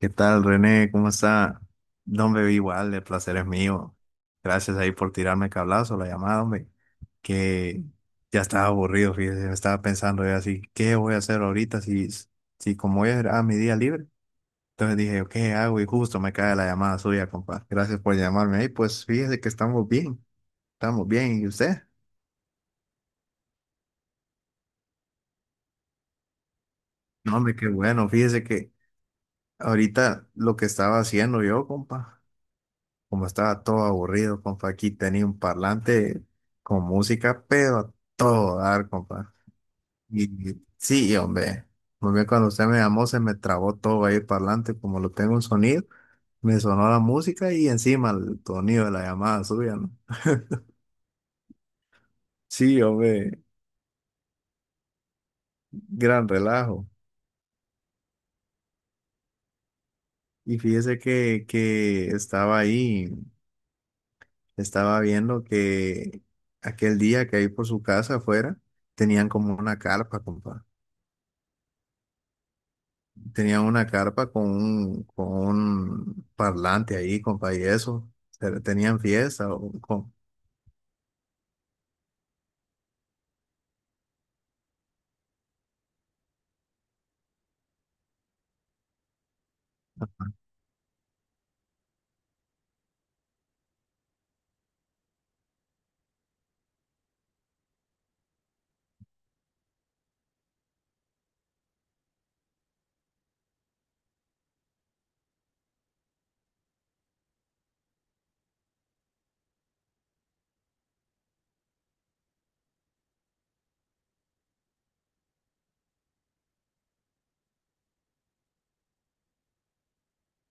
¿Qué tal, René? ¿Cómo está? No, hombre, igual, el placer es mío. Gracias ahí por tirarme el cablazo, la llamada, hombre. Que ya estaba aburrido, fíjese, me estaba pensando yo así, ¿qué voy a hacer ahorita si como hoy era mi día libre? Entonces dije, ¿qué hago? Y justo me cae la llamada suya, compa. Gracias por llamarme ahí. Pues fíjese que estamos bien, estamos bien. ¿Y usted? No, hombre, qué bueno. Fíjese que ahorita lo que estaba haciendo yo, compa. Como estaba todo aburrido, compa, aquí tenía un parlante con música, pero a todo dar, compa. Sí, hombre, hombre, cuando usted me llamó se me trabó todo ahí el parlante, como lo tengo un sonido, me sonó la música y encima el sonido de la llamada suya, ¿no? Sí, hombre, gran relajo. Y fíjese que estaba ahí, estaba viendo que aquel día que ahí por su casa afuera tenían como una carpa, compa. Tenía una carpa con un parlante ahí, compa, y eso. Pero ¿tenían fiesta? O con-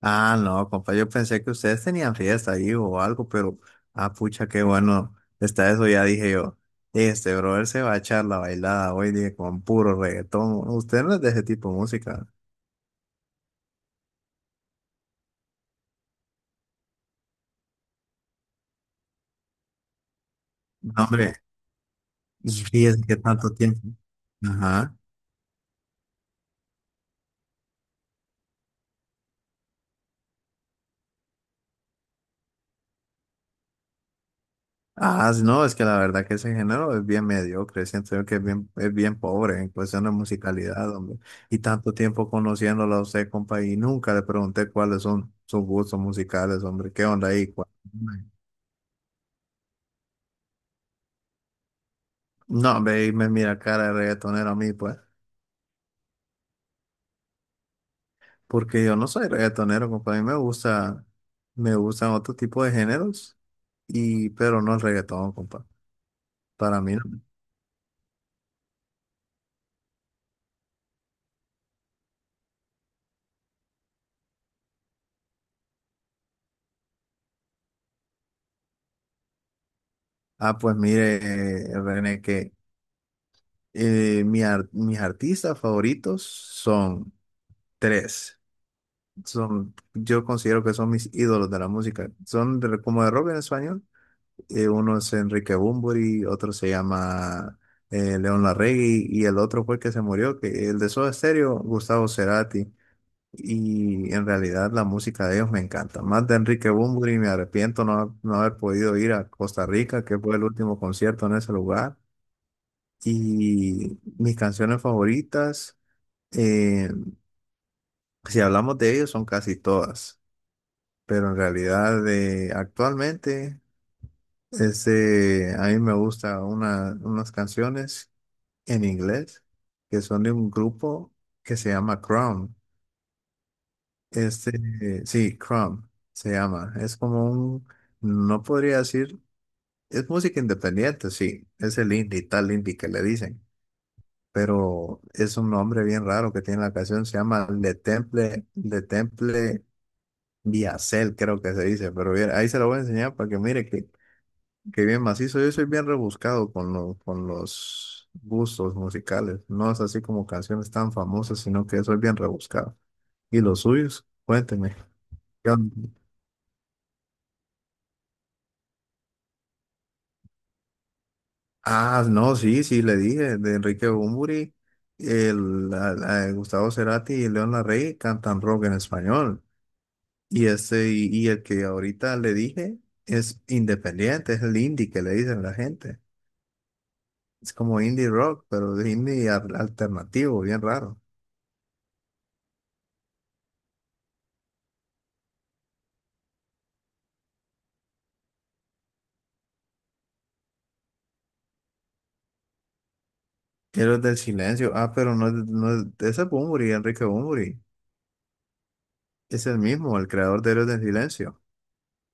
ah, no, compa, yo pensé que ustedes tenían fiesta ahí o algo, pero, ah, pucha, qué bueno está eso, ya dije yo. Este brother se va a echar la bailada hoy, dije, con puro reggaetón. Usted no es de ese tipo de música. No, hombre, y fíjese que tanto tiempo. Ajá. Ah, sí, no, es que la verdad que ese género es bien mediocre, siento yo que es bien pobre en cuestión de musicalidad, hombre. Y tanto tiempo conociéndolo a usted, compa, y nunca le pregunté cuáles son sus gustos musicales, hombre, qué onda ahí. ¿Cuál- no, hombre, y me mira cara de reggaetonero a mí, pues, porque yo no soy reggaetonero, compa, a mí me gusta, me gustan otro tipo de géneros, y, pero no el reggaetón, compa, para mí no. Ah, pues mire, René, que... mis artistas favoritos son tres. Son, yo considero que son mis ídolos de la música. Son de- como de rock en español. Uno es Enrique Bunbury, otro se llama León Larregui y el otro fue el que se murió, que el de Soda Stereo, Gustavo Cerati. Y en realidad la música de ellos me encanta. Más de Enrique Bunbury, me arrepiento no, no haber podido ir a Costa Rica, que fue el último concierto en ese lugar. Y mis canciones favoritas. Eh, si hablamos de ellos, son casi todas, pero en realidad de actualmente este, a mí me gusta una, unas canciones en inglés que son de un grupo que se llama Crown. Este, sí, Crown se llama. Es como un, no podría decir, es música independiente, sí, es el indie, tal indie que le dicen. Pero es un nombre bien raro que tiene la canción, se llama Le Temple, Le Temple Viacel creo que se dice, pero bien, ahí se lo voy a enseñar para que mire que bien macizo. Yo soy bien rebuscado con, lo- con los gustos musicales. No es así como canciones tan famosas, sino que soy bien rebuscado. ¿Y los suyos? Cuénteme. ¿Qué onda? Ah, no, sí, sí, le dije, de Enrique Bunbury, el, la- la- Gustavo Cerati y León Larrey cantan rock en español. Y, este, y el que ahorita le dije es independiente, es el indie que le dicen la gente. Es como indie rock, pero de indie al- alternativo, bien raro. Héroes del Silencio. Ah, pero no, es- no es- ese es Bunbury, Enrique Bunbury. Es el mismo, el creador de Héroes del Silencio.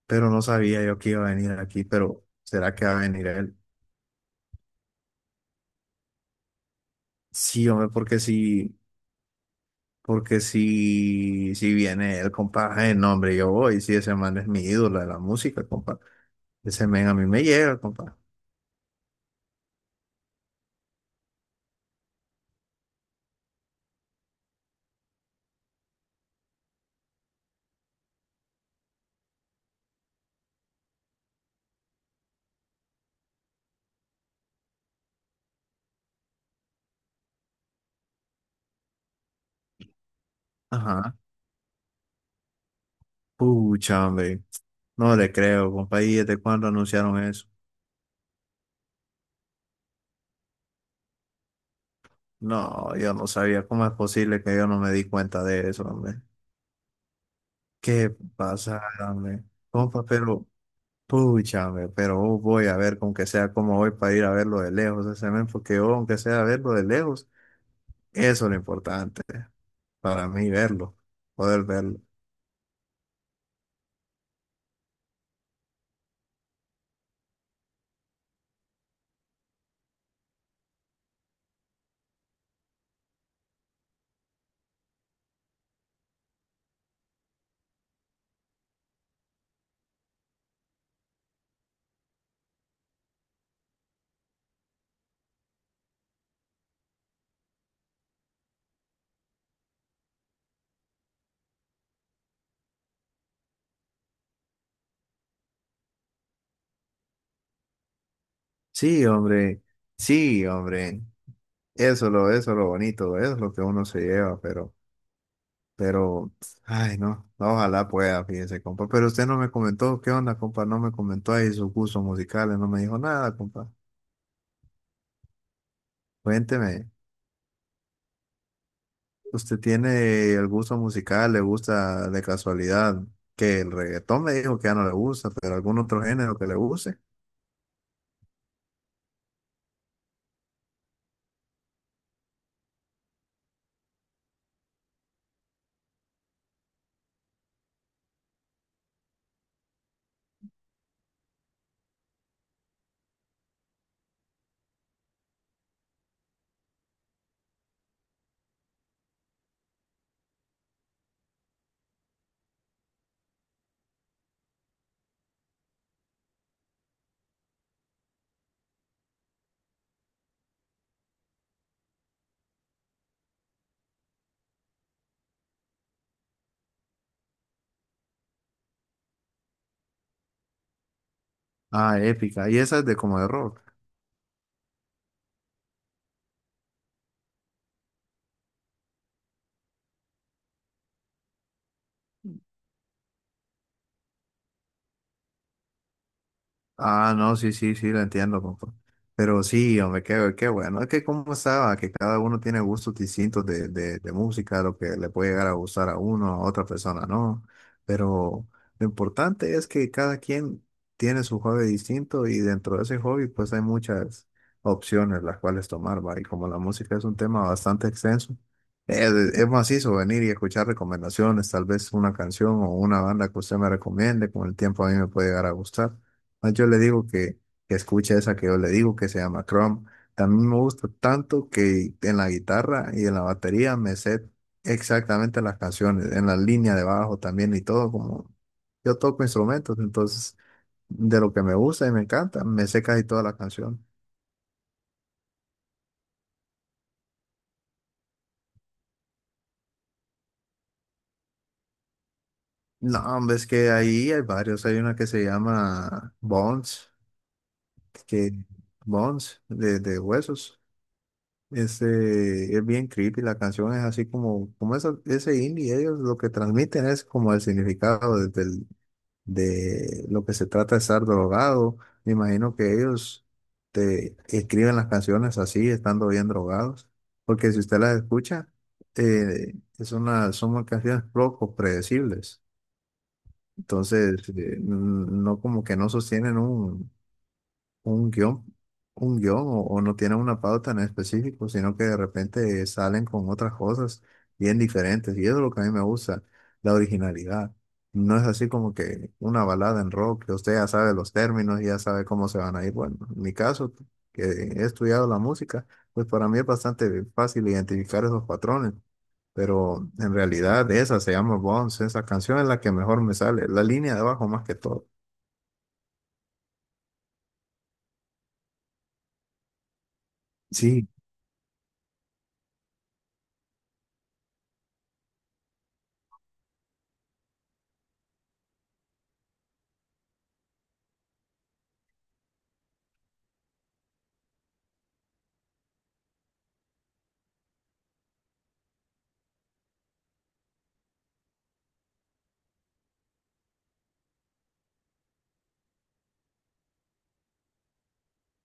Pero no sabía yo que iba a venir aquí, pero ¿será que va a venir él? Sí, hombre, porque si, si viene él, compa, el nombre yo voy. Si ese man es mi ídolo de la música, compa. Ese man a mí me llega, compa. Ajá. Pucha, hombre. No le creo, compa. ¿Y desde cuándo anunciaron eso? No, yo no sabía cómo es posible que yo no me di cuenta de eso, hombre. ¿Qué pasa, hombre? Compa, pero, pucha, hombre, pero oh, voy a ver con que sea como voy para ir a verlo de lejos ese men, porque yo, aunque sea verlo de lejos, eso es lo importante para mí, verlo, poder verlo. Sí, hombre, sí, hombre, eso es lo bonito, eso es lo que uno se lleva, pero. Pero, ay, no, no, ojalá pueda, fíjese, compa. Pero usted no me comentó, ¿qué onda, compa? No me comentó ahí sus gustos musicales, no me dijo nada, compa. Cuénteme, ¿usted tiene el gusto musical? ¿Le gusta de casualidad? Que el reggaetón me dijo que ya no le gusta, pero algún otro género que le guste. Ah, épica. ¿Y esa es de como de rock? Ah, no, sí, sí, sí, lo entiendo, compa. Pero sí, hombre, qué, qué bueno. Es que como estaba, que cada uno tiene gustos distintos de música, lo que le puede llegar a gustar a uno, a otra persona, no. Pero lo importante es que cada quien tiene su hobby distinto y dentro de ese hobby pues hay muchas opciones las cuales tomar, va. Y como la música es un tema bastante extenso, es macizo venir y escuchar recomendaciones, tal vez una canción o una banda que usted me recomiende, con el tiempo a mí me puede llegar a gustar. Ah, yo le digo que escuche esa que yo le digo que se llama Chrome. También me gusta tanto que en la guitarra y en la batería me sé exactamente las canciones, en la línea de bajo también y todo, como yo toco instrumentos, entonces de lo que me gusta y me encanta, me sé casi toda la canción. No, hombre, es que ahí hay varios, hay una que se llama Bones, que Bones de huesos. Este, es bien creepy, la canción es así como, como eso- ese indie, ellos lo que transmiten es como el significado de, del- de lo que se trata de estar drogado. Me imagino que ellos te escriben las canciones así, estando bien drogados, porque si usted las escucha, eh, es una, son canciones poco predecibles. Entonces, no como que no sostienen un guión, un guión o no tienen una pauta en específico, sino que de repente salen con otras cosas bien diferentes. Y eso es lo que a mí me gusta, la originalidad. No es así como que una balada en rock, que usted ya sabe los términos, ya sabe cómo se van a ir. Bueno, en mi caso, que he estudiado la música, pues para mí es bastante fácil identificar esos patrones. Pero en realidad esa se llama Bones, esa canción es la que mejor me sale, la línea de abajo más que todo. Sí,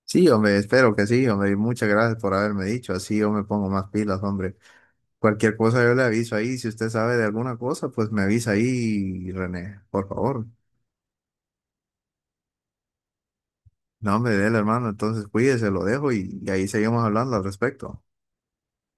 sí, hombre, espero que sí, hombre, y muchas gracias por haberme dicho, así yo me pongo más pilas, hombre. Cualquier cosa yo le aviso ahí, si usted sabe de alguna cosa, pues me avisa ahí, René, por favor. No, hombre, dele, hermano, entonces cuídese, lo dejo y ahí seguimos hablando al respecto.